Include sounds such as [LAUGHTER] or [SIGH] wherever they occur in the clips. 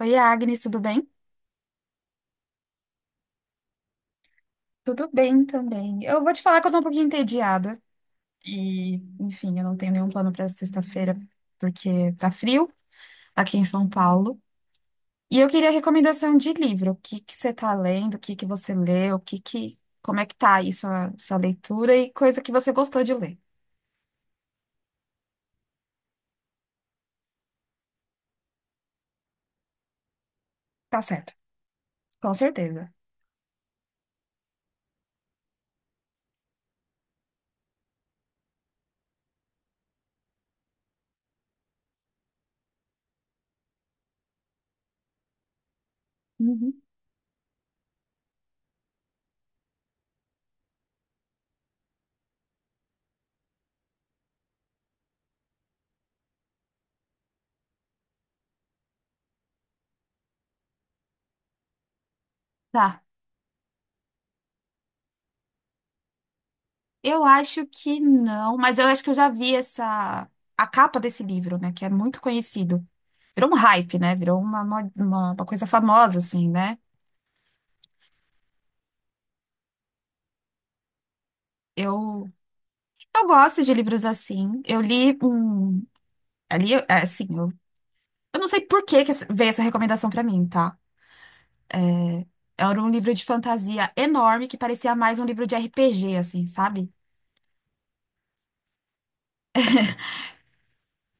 Oi, Agnes, tudo bem? Tudo bem também. Eu vou te falar que eu tô um pouquinho entediada. E, enfim, eu não tenho nenhum plano pra sexta-feira, porque tá frio aqui em São Paulo. E eu queria recomendação de livro. O que que você tá lendo? O que que você leu? O que que, como é que tá aí sua leitura e coisa que você gostou de ler. Tá certo. Com certeza. Uhum. Tá. Eu acho que não, mas eu acho que eu já vi essa a capa desse livro, né, que é muito conhecido. Virou um hype, né? Virou uma coisa famosa assim, né? Eu eu gosto de livros assim. Eu li um ali eu- é, assim, eu não sei por que veio essa recomendação pra mim, tá? Era um livro de fantasia enorme que parecia mais um livro de RPG assim, sabe?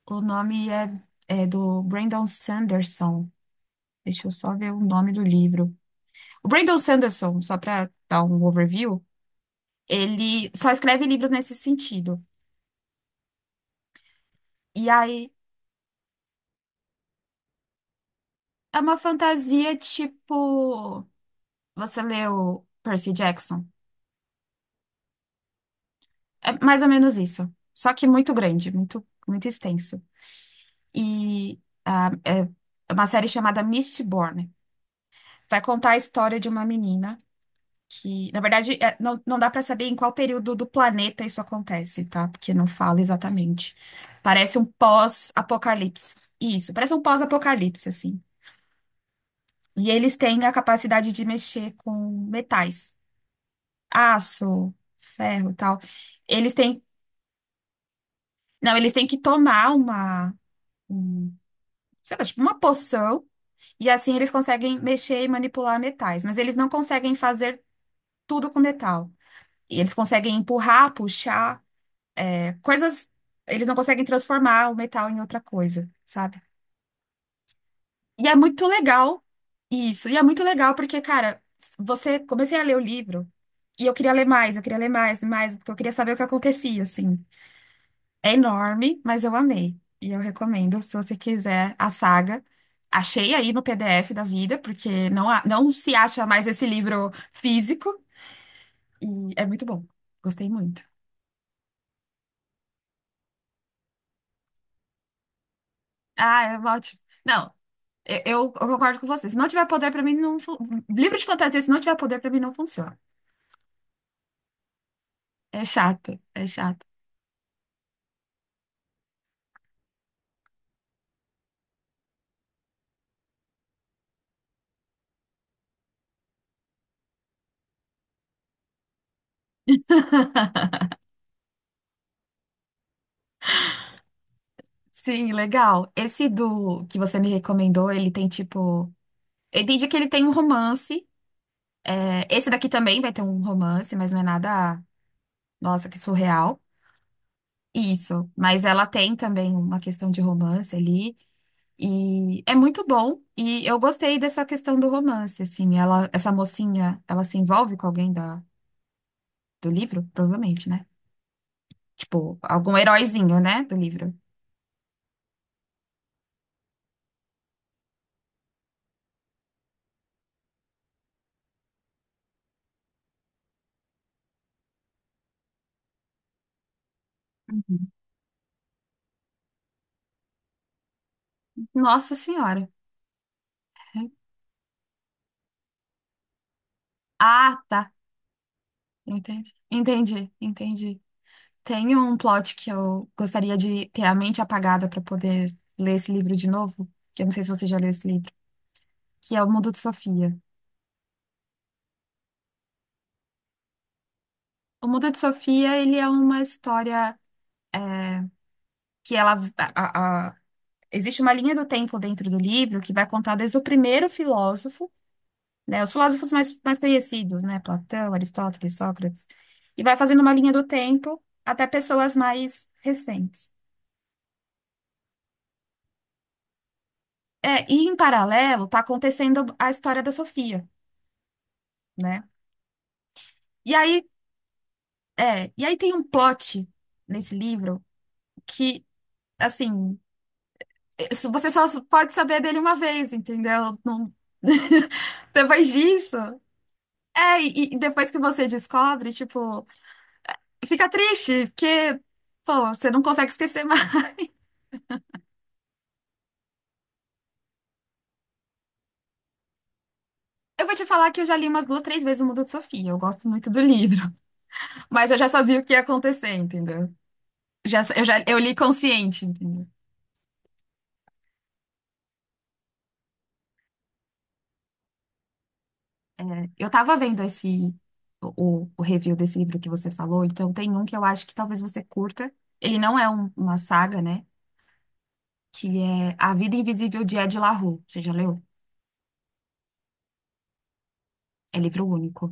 O nome é, é do Brandon Sanderson. Deixa eu só ver o nome do livro. O Brandon Sanderson, só para dar um overview, ele só escreve livros nesse sentido. E aí é uma fantasia tipo. Você leu Percy Jackson? É mais ou menos isso. Só que muito grande, muito extenso. E é uma série chamada Mistborn. Vai contar a história de uma menina que, na verdade, não, não dá para saber em qual período do planeta isso acontece, tá? Porque não fala exatamente. Parece um pós-apocalipse. Isso, parece um pós-apocalipse, assim. E eles têm a capacidade de mexer com metais, aço, ferro, e tal. Eles têm, não, eles têm que tomar um, sei lá, tipo uma poção e assim eles conseguem mexer e manipular metais, mas eles não conseguem fazer tudo com metal. E eles conseguem empurrar, puxar, coisas. Eles não conseguem transformar o metal em outra coisa, sabe? E é muito legal isso. E é muito legal porque, cara, você comecei a ler o livro e eu queria ler mais, eu queria ler mais, e mais, porque eu queria saber o que acontecia, assim. É enorme, mas eu amei. E eu recomendo, se você quiser, a saga. Achei aí no PDF da vida, porque não se acha mais esse livro físico. E é muito bom. Gostei muito. Ah, é ótimo. Não, eu concordo com você. Se não tiver poder, pra mim, não. fun- livro de fantasia, se não tiver poder, pra mim, não funciona. É chato, é chato. Sim, legal. Esse do que você me recomendou, ele tem tipo. Eu entendi que ele tem um romance. É, esse daqui também vai ter um romance, mas não é nada. Nossa, que surreal. Isso. Mas ela tem também uma questão de romance ali. E é muito bom. E eu gostei dessa questão do romance, assim. Ela, essa mocinha, ela se envolve com alguém do livro? Provavelmente, né? Tipo, algum heróizinho, né, do livro. Uhum. Nossa Senhora. Ah, tá. Entendi. Entendi. Tem um plot que eu gostaria de ter a mente apagada para poder ler esse livro de novo, que eu não sei se você já leu esse livro, que é O Mundo de Sofia. O Mundo de Sofia, ele é uma história que ela a- existe uma linha do tempo dentro do livro que vai contar desde o primeiro filósofo, né? Os filósofos mais conhecidos, né? Platão, Aristóteles, Sócrates. E vai fazendo uma linha do tempo até pessoas mais recentes. É, e em paralelo, tá acontecendo a história da Sofia, né? E aí, e aí tem um plot nesse livro que, assim, você só pode saber dele uma vez, entendeu? Não- [LAUGHS] Depois disso. E depois que você descobre, tipo, fica triste, porque, pô, você não consegue esquecer. Eu vou te falar que eu já li umas duas, três vezes o Mundo de Sofia. Eu gosto muito do livro, [LAUGHS] mas eu já sabia o que ia acontecer, entendeu? Já eu li consciente, entendeu? É, eu tava vendo o review desse livro que você falou, então tem um que eu acho que talvez você curta. Ele não é uma saga, né? Que é A Vida Invisível de Ed La Rue. Você já leu? É livro único.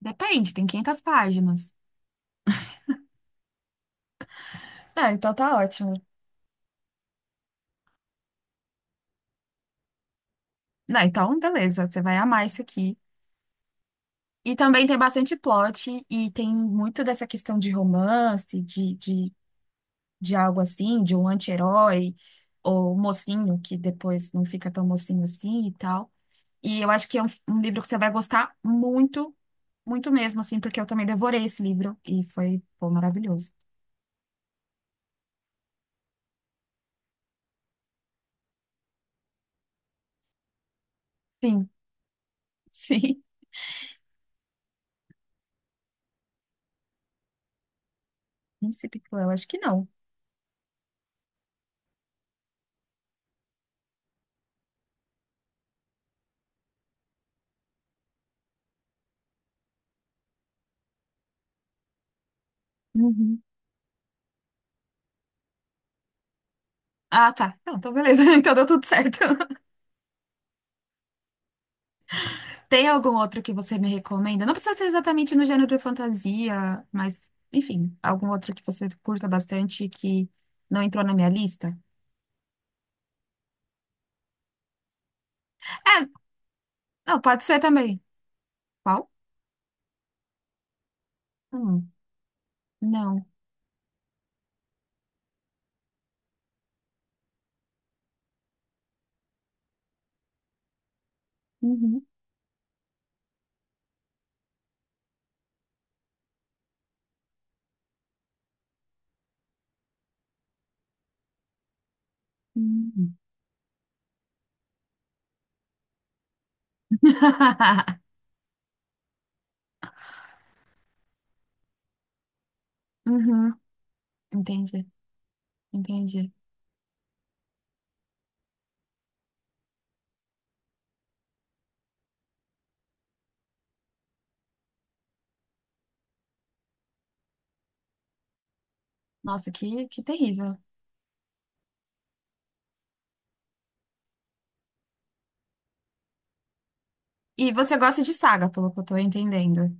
Depende, tem 500 páginas. Ah, então tá ótimo. Não, então beleza, você vai amar isso aqui. E também tem bastante plot e tem muito dessa questão de romance, de algo assim, de um anti-herói ou mocinho, que depois não fica tão mocinho assim e tal. E eu acho que é um livro que você vai gostar muito, muito mesmo, assim, porque eu também devorei esse livro e foi, pô, maravilhoso. Sim, [LAUGHS] sim. Príncipe Cruel, acho que não. Uhum. Ah, tá. Então, então beleza. [LAUGHS] Então deu tudo certo. Tem algum outro que você me recomenda? Não precisa ser exatamente no gênero de fantasia, mas, enfim, algum outro que você curta bastante e que não entrou na minha lista? É, não, pode ser também. Qual? Hum, não. Uhum. Uhum. [LAUGHS] Uhum. Entendi, entendi. Nossa, que terrível. E você gosta de saga, pelo que eu tô entendendo.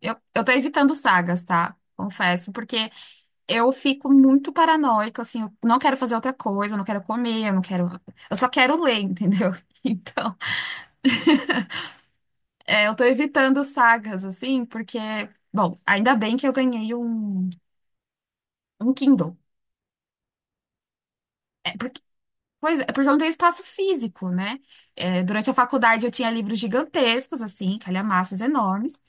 Eu tô evitando sagas, tá? Confesso, porque eu fico muito paranoica, assim, eu não quero fazer outra coisa, eu não quero comer, eu não quero. Eu só quero ler, entendeu? [LAUGHS] Então, é, eu tô evitando sagas, assim, porque, bom, ainda bem que eu ganhei um Kindle. É porque, pois é, porque eu não tenho espaço físico, né? É, durante a faculdade eu tinha livros gigantescos, assim, calhamaços enormes,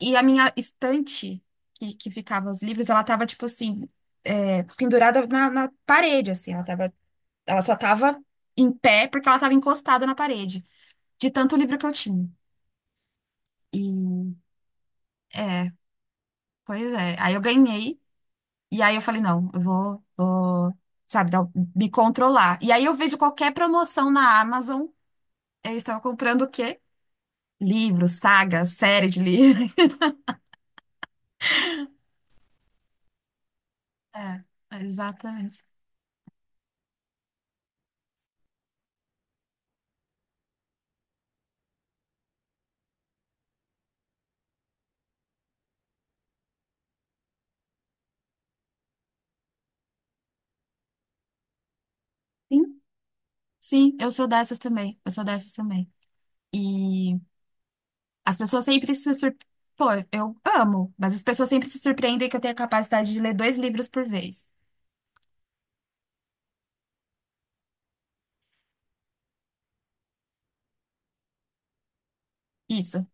e a minha estante que ficava os livros, ela tava, tipo assim, é, pendurada na parede, assim, ela só tava em pé porque ela tava encostada na parede, de tanto livro que eu tinha. E é, pois é. Aí eu ganhei, e aí eu falei, não, sabe, dar- me controlar. E aí eu vejo qualquer promoção na Amazon, eu estava comprando o quê? Livro, saga, série de livro. [LAUGHS] É, exatamente. Sim, sim, eu sou dessas também. Eu sou dessas também. E as pessoas sempre se surpreendem. Pô, eu amo, mas as pessoas sempre se surpreendem que eu tenho a capacidade de ler dois livros por vez. Isso.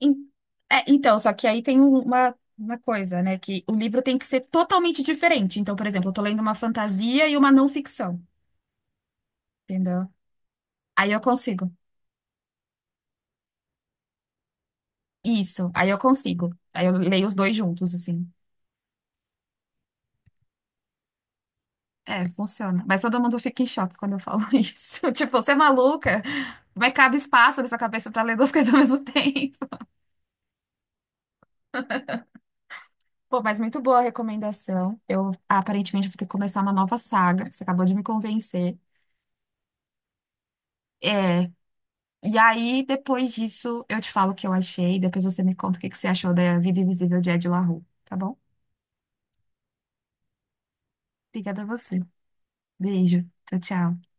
Em- é, então, só que aí tem uma coisa, né? Que o livro tem que ser totalmente diferente. Então, por exemplo, eu tô lendo uma fantasia e uma não ficção, entendeu? Aí eu consigo. Isso, aí eu consigo. Aí eu leio os dois juntos, assim. É, funciona. Mas todo mundo fica em choque quando eu falo [LAUGHS] isso. Tipo, você é maluca? Vai cabe espaço nessa cabeça pra ler duas coisas ao mesmo [LAUGHS] tempo. Pô, mas muito boa a recomendação. Eu aparentemente vou ter que começar uma nova saga. Você acabou de me convencer. É, e aí, depois disso, eu te falo o que eu achei. Depois você me conta o que que você achou da Vida Invisível de Ed La Rue, tá bom? Obrigada a você. Beijo. Tchau, tchau.